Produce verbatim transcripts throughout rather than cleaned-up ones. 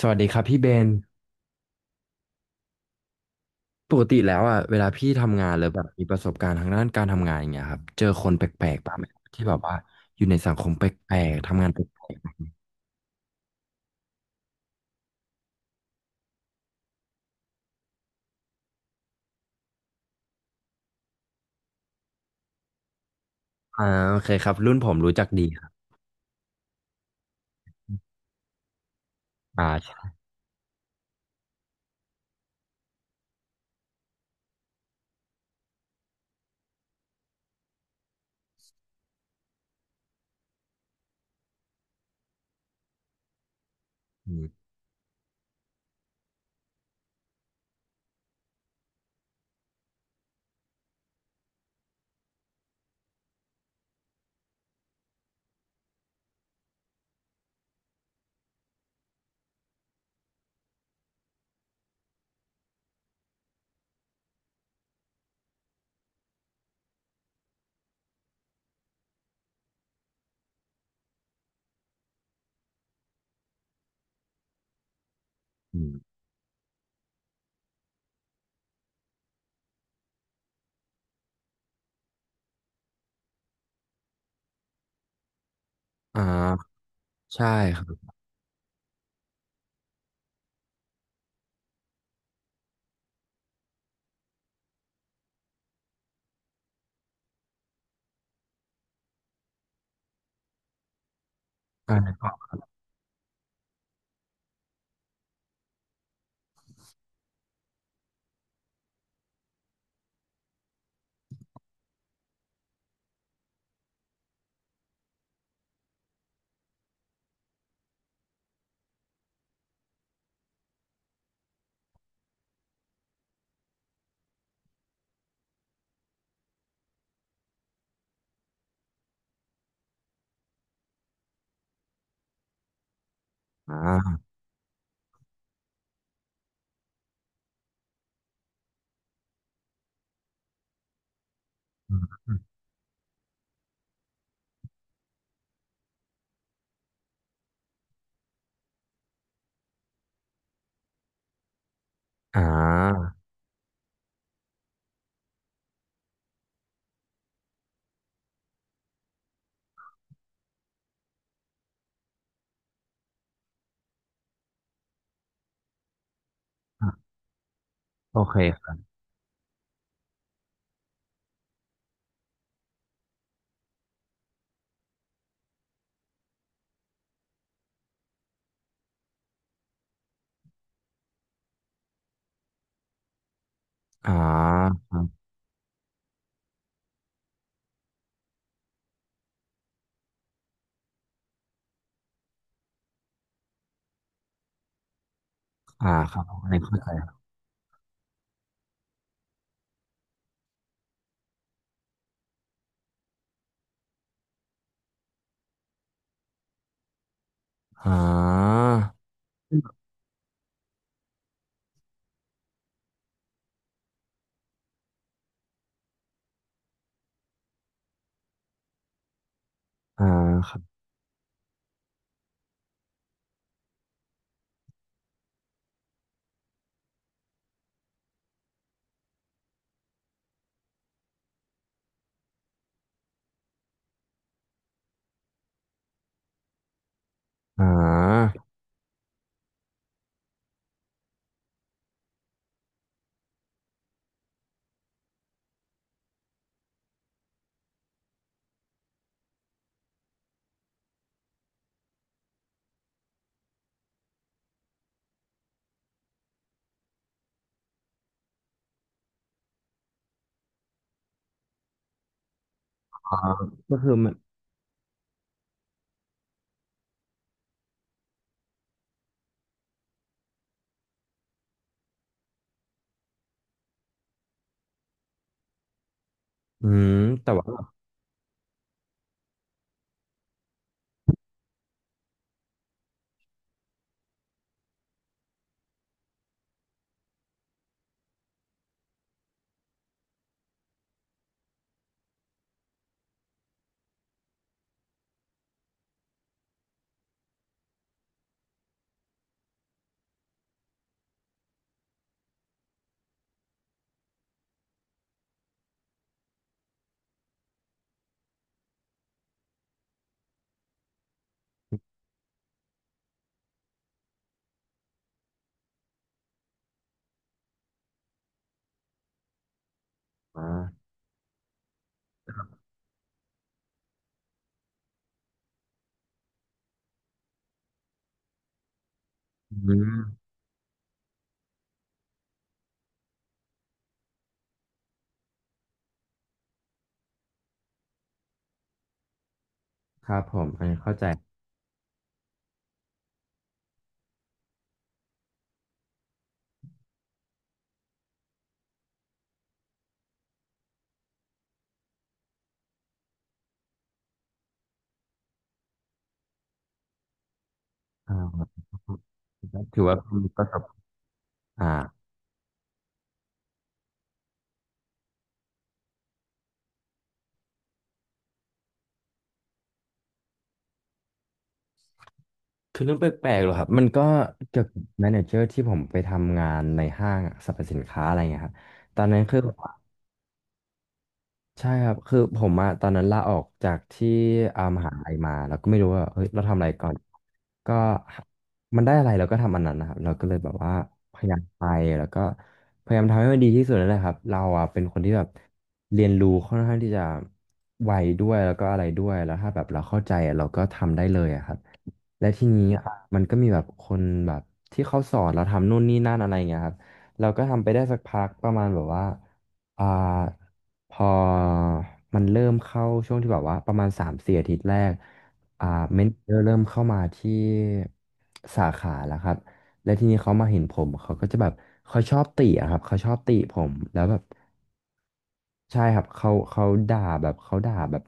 สวัสดีครับพี่เบนปกติแล้วอ่ะเวลาพี่ทำงานหรือแบบมีประสบการณ์ทางด้านการทำงานอย่างเงี้ยครับเจอคนแปลกๆบ้างไหมครับที่แบบว่าอยู่ในสังคมแปลกๆทำงานแปลกๆอ่าโอเคครับรุ่นผมรู้จักดีครับอ่าใช่อืมอืมอ่าใช่ครับอ่าอ่าอ่าโอเคครับอ่าครับอ่าครับอันนี้เข้าใจครับอ่าอ่าครับอ่าอ่าก็คือมันอืมแต่ว่าอ่าอืมครับผมอันนี้เข้าใจ อ่าถือว่ามีประสบอ่าคือเรื่องแปลกๆเหรอครับมันก็เกี่ยวกับแมเนเจอร์ที่ผมไปทำงานในห้างสรรพสินค้าอะไรเงี้ยครับตอนนั้นคือ ใช่ครับคือผมอะตอนนั้นลาออกจากที่อามหาลัยมาแล้วก็ไม่รู้ว่าเฮ้ยเราทำอะไรก่อนก็มันได้อะไรเราก็ทำอันนั้นนะครับเราก็เลยแบบว่าพยายามไปแล้วก็พยายามทำให้มันดีที่สุดนั่นแหละครับเราอะเป็นคนที่แบบเรียนรู้ค่อนข้างที่จะไวด้วยแล้วก็อะไรด้วยแล้วถ้าแบบเราเข้าใจอะเราก็ทำได้เลยอะครับและทีนี้อะมันก็มีแบบคนแบบที่เขาสอนเราทำนู่นนี่นั่นอะไรเงี้ยครับเราก็ทำไปได้สักพักประมาณแบบว่าอ่า พอมันเริ่มเข้าช่วงที่แบบว่าประมาณสามสี่อาทิตย์แรกอ่าเมนเจอร์เริ่มเข้ามาที่สาขาแล้วครับ และทีนี้เขามาเห็นผมเขาก็จะแบบเขาชอบติอะครับเขาชอบติผมแล้วแบบใช่ครับเขาเขาด่าแบบเขาด่าแบบ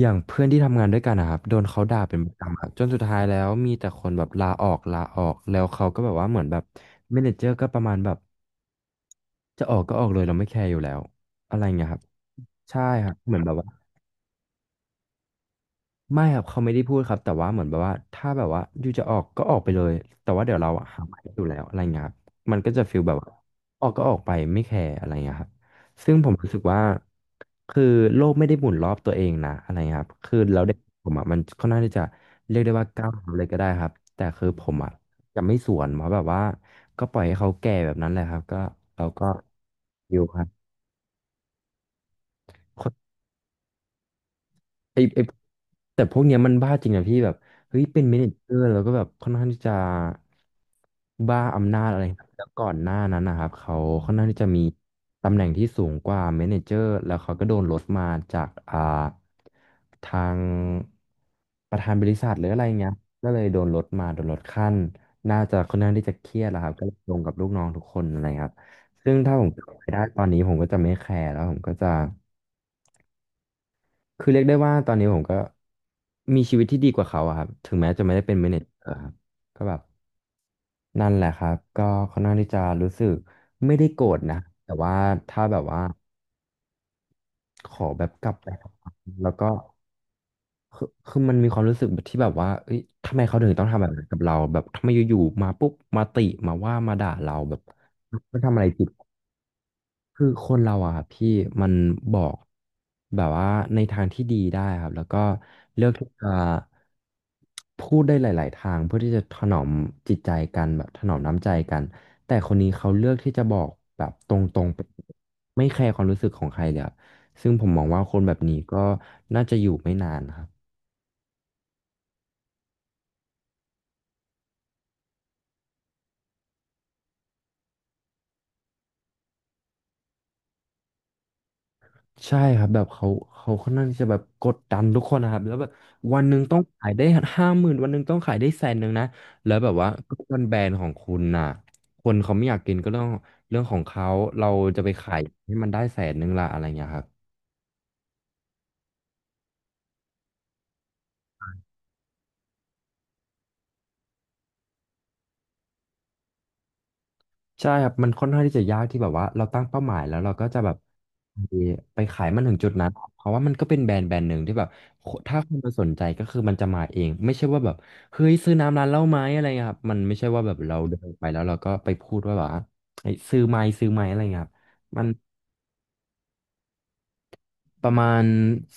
อย่างเพื่อนที่ทำงานด้วยกันนะครับโดนเขาด่าเป็นประจำครับจนสุดท้ายแล้วมีแต่คนแบบลาออกลาออกแล้วเขาก็แบบว่าเหมือนแบบเมเนเจอร์ก็ประมาณแบบ จะออกก็ออกเลยเราไม่แคร์อยู่แล้วอะไรเงี้ยครับใช่ครับเหมือนแบบว่าไม่ครับเขาไม่ได้พูดครับแต่ว่าเหมือนแบบว่าถ้าแบบว่าอยู่จะออกก็ออกไปเลยแต่ว่าเดี๋ยวเราอะหาใหม่อยู่แล้วอะไรเงี้ยครับมันก็จะฟีลแบบว่าออกก็ออกไปไม่แคร์อะไรเงี้ยครับซึ่งผมรู้สึกว่าคือโลกไม่ได้หมุนรอบตัวเองนะอะไรเงี้ยครับคือเราได้ผมอะมันค่อนข้างที่จะเรียกได้ว่าก้าวเท้าเลยก็ได้ครับแต่คือผมอะจะไม่สวนเพราะแบบว่าก็ปล่อยให้เขาแก่แบบนั้นแหละครับก็เราก็อยู่ครับ ไอ้ไอแต่พวกเนี้ยมันบ้าจริงนะพี่แบบเฮ้ยเป็นเมเนเจอร์แล้วก็แบบค่อนข้างที่จะบ้าอำนาจอะไรครับแล้วก่อนหน้านั้นนะครับเขาค่อนข้างที่จะมีตำแหน่งที่สูงกว่าเมเนเจอร์แล้วเขาก็โดนลดมาจากอ่าทางประธานบริษัทหรืออะไรเงี้ยก็เลยโดนลดมาโดนลดขั้นน่าจะค่อนข้างที่จะเครียดแหละครับก็เลยลงกับลูกน้องทุกคนอะไรครับซึ่งถ้าผมกลับไปได้ตอนนี้ผมก็จะไม่แคร์แล้วผมก็จะ คือเรียกได้ว่าตอนนี้ผมก็มีชีวิตที่ดีกว่าเขาอะครับถึงแม้จะไม่ได้เป็นเมเนเจอร์ครับก็แบบนั่นแหละครับก็ค่อนข้างที่จะรู้สึกไม่ได้โกรธนะแต่ว่าถ้าแบบว่าขอแบบกลับไปทำงานแล้วก็คือคือมันมีความรู้สึกที่แบบว่าเอ้ยทำไมเขาถึงต้องทำแบบนั้นกับเราแบบทำไมอยู่ๆมาปุ๊บมาติมาว่ามาด่าเราแบบมันทำอะไรผิด คือคนเราอะครับพี่มันบอกแบบว่าในทางที่ดีได้ครับแล้วก็เลือกที่จะพูดได้หลาย ๆ ทางเพื่อที่จะถนอมจิตใจกันแบบถนอมน้ำใจกันแต่คนนี้เขาเลือกที่จะบอกแบบตรง ๆไปไม่แคร์ความรู้สึกของใครเลยครับซึ่งผมมองว่าคนแบบนี้ก็น่าจะอยู่ไม่นานครับ ใช่ครับแบบเขาเขาค่อนข้างที่จะแบบกดดันทุกคนนะครับแล้วแบบวันหนึ่งต้องขายได้ห้าหมื่นวันหนึ่งต้องขายได้แสนหนึ่งนะแล้วแบบว่าก็เป็นแบรนด์ของคุณน่ะคนเขาไม่อยากกินก็เรื่องเรื่องของเขาเราจะไปขายให้มันได้แสนหนึ่งละอะไรเงี้ยครับ ใช่ครับมันค่อนข้างที่จะยากที่แบบว่าเราตั้งเป้าหมายแล้วเราก็จะแบบไปไปขายมันถึงจุดนั้นเพราะว่ามันก็เป็นแบรนด์แบรนด์หนึ่งที่แบบโคถ้าคนมาสนใจก็คือมันจะมาเองไม่ใช่ว่าแบบเฮ้ยซื้อน้ำร้านเหล้าไหมอะไรเงี้ยครับมันไม่ใช่ว่าแบบเราเดินไปแล้วเราก็ไปพูดว่าแบบว่าเฮ้ยซื้อไหมซื้อไหมอะไรเงี้ยครับมันประมาณ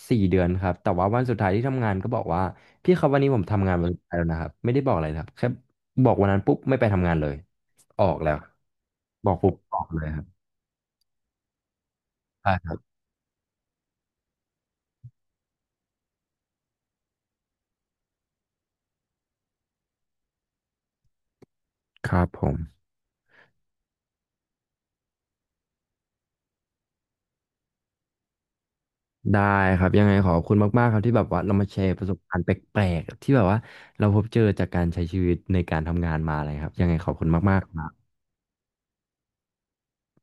สี่เดือนครับแต่ว่าวันสุดท้ายที่ทำงานก็บอกว่าพี่ครับวันนี้ผมทำงานวันสุดท้ายแล้วนะครับไม่ได้บอกอะไรนะครับแค่บอกวันนั้นปุ๊บไม่ไปทำงานเลยออกแล้วบอกปุ๊บออกเลยครับ ครับผมได้ครับยังไงขอบคุณมากๆครับที่แบบว่าเรามาแชร์ประสบการณ์แปลกๆที่แบบว่าเราพบเจอจากการใช้ชีวิตในการทำงานมาอะไรครับยังไงขอบคุณมากๆครับ